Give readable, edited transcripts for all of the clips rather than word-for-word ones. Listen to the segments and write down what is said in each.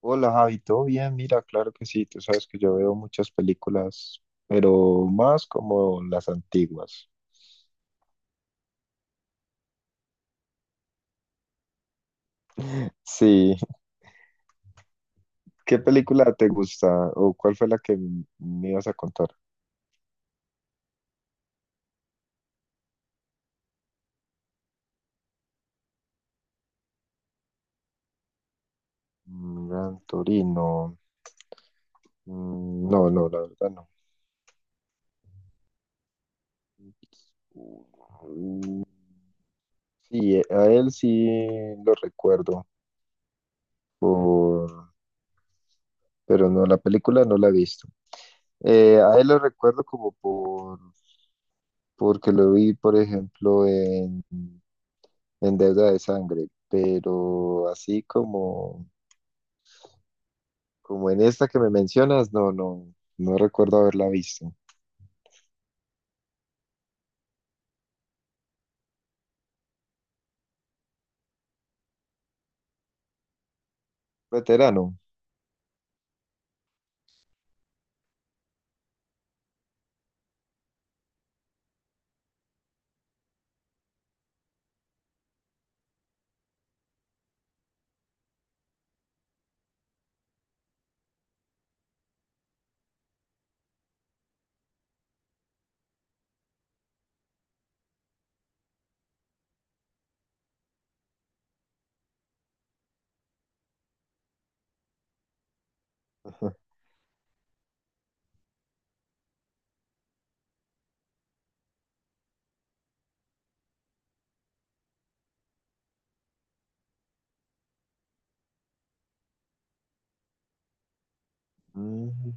Hola Javi, ¿todo bien? Mira, claro que sí, tú sabes que yo veo muchas películas, pero más como las antiguas. Sí, ¿qué película te gusta o cuál fue la que me ibas a contar? Mm, Gran Torino. Mm, no, no, la verdad no. Mm, sí, a él sí lo recuerdo, por- pero no, la película no la he visto. A él lo recuerdo como porque lo vi, por ejemplo, en deuda de sangre, pero así como, como en esta que me mencionas, no, no, no recuerdo haberla visto. Veterano, mm,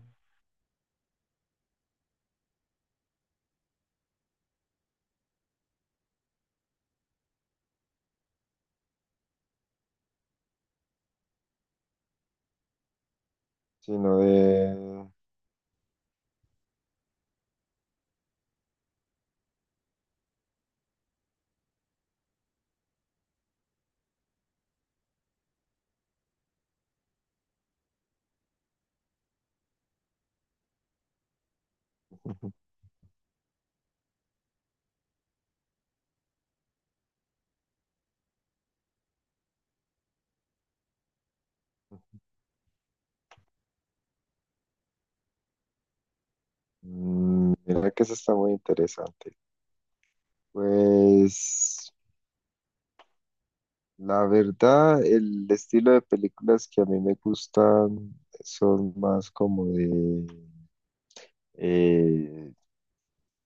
sino de... Mm, mira que eso está muy interesante. Pues la verdad, el estilo de películas que a mí me gustan son más como de... eh,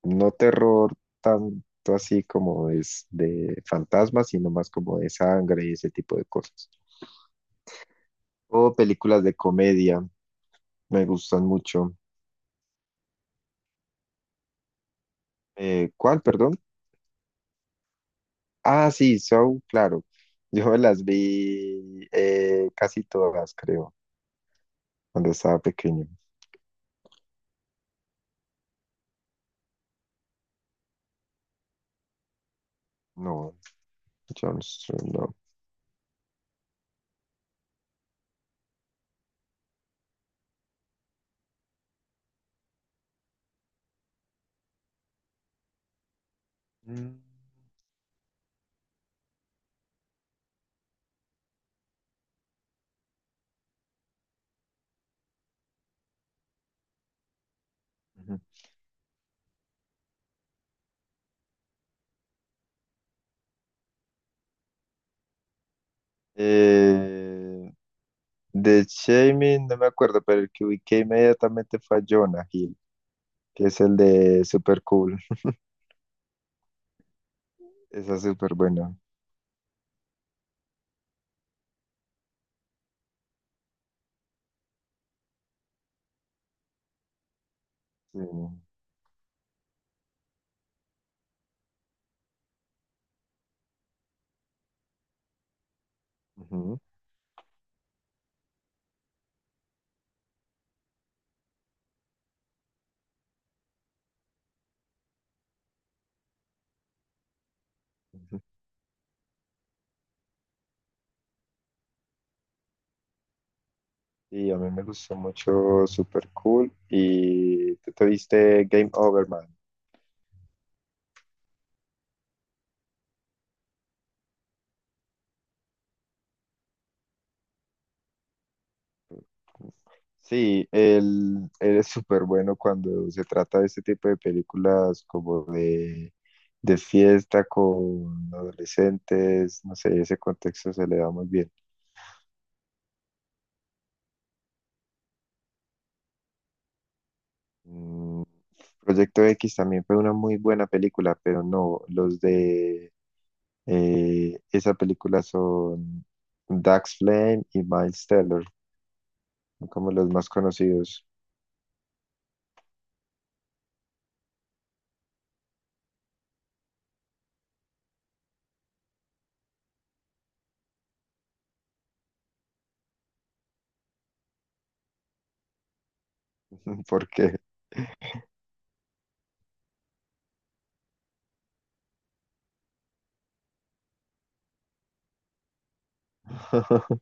no terror tanto así como es de fantasmas, sino más como de sangre y ese tipo de cosas. O películas de comedia, me gustan mucho. ¿Cuál, perdón? Ah, sí, Saw, claro. Yo me las vi casi todas, creo, cuando estaba pequeño. No, John no. Mm, ujú. Eh, de Shaming, no me acuerdo, pero el que ubiqué inmediatamente fue a Jonah Hill, que es el de Super Cool. Esa es súper buena. Sí. Ujú, ujú. Y a mí me gustó mucho, súper cool. Y tú te viste Game Over, man. Sí, él es súper bueno cuando se trata de este tipo de películas como de fiesta con adolescentes, no sé, ese contexto se le da muy bien. Mm, Proyecto X también fue una muy buena película, pero no, los de esa película son Dax Flame y Miles Teller, como los más conocidos. Porque,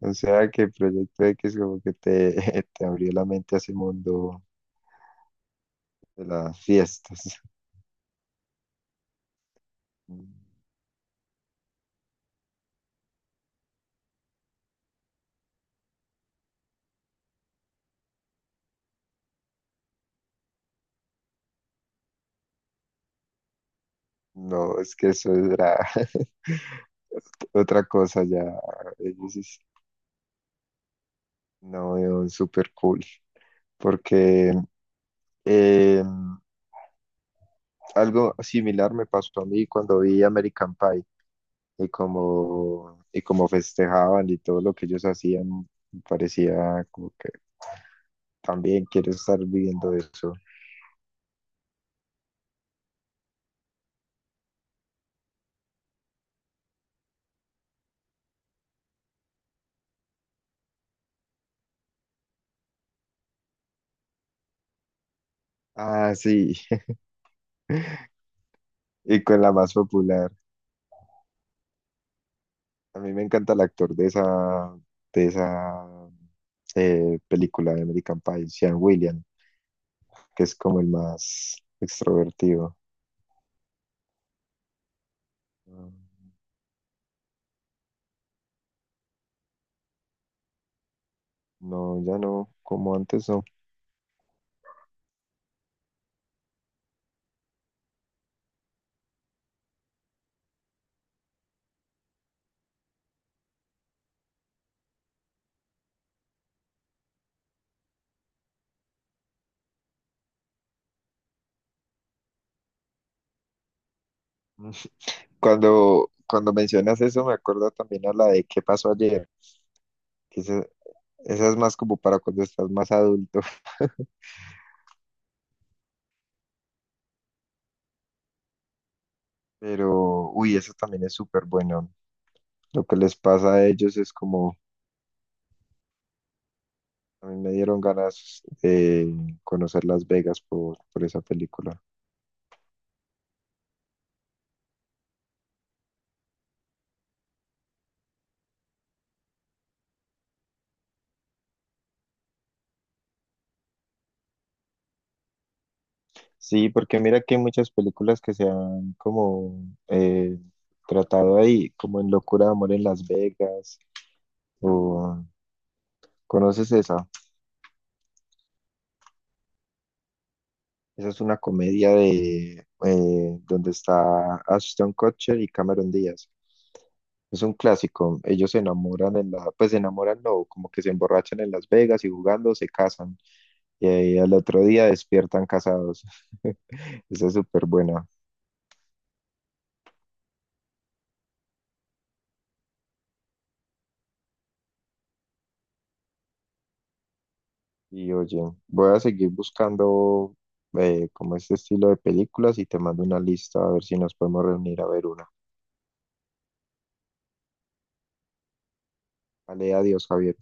o sea, que Proyecto X como que te, te abrió la mente a ese mundo de las fiestas. No, es que eso era otra cosa ya. Ellos es- no, súper cool. Porque eh, algo similar me pasó a mí cuando vi American Pie y como festejaban y todo lo que ellos hacían, me parecía como que también quiero estar viviendo eso. Ah, sí, y con la más popular. A mí me encanta el actor de esa película de American Pie, Sean William, que es como el más extrovertido. No, ya no, como antes no. Cuando mencionas eso, me acuerdo también a la de ¿Qué pasó ayer? Que esa es más como para cuando estás más adulto, pero uy, eso también es súper bueno. Lo que les pasa a ellos es como, a mí me dieron ganas de conocer Las Vegas por esa película. Sí, porque mira que hay muchas películas que se han como tratado ahí, como en Locura de Amor en Las Vegas, o ¿conoces esa? Esa es una comedia de donde está Ashton Kutcher y Cameron Díaz. Es un clásico. Ellos se enamoran en la, pues se enamoran, no, como que se emborrachan en Las Vegas y jugando se casan. Y ahí al otro día despiertan casados. Esa es súper buena. Y oye, voy a seguir buscando como este estilo de películas y te mando una lista a ver si nos podemos reunir a ver una. Vale, adiós, Javier.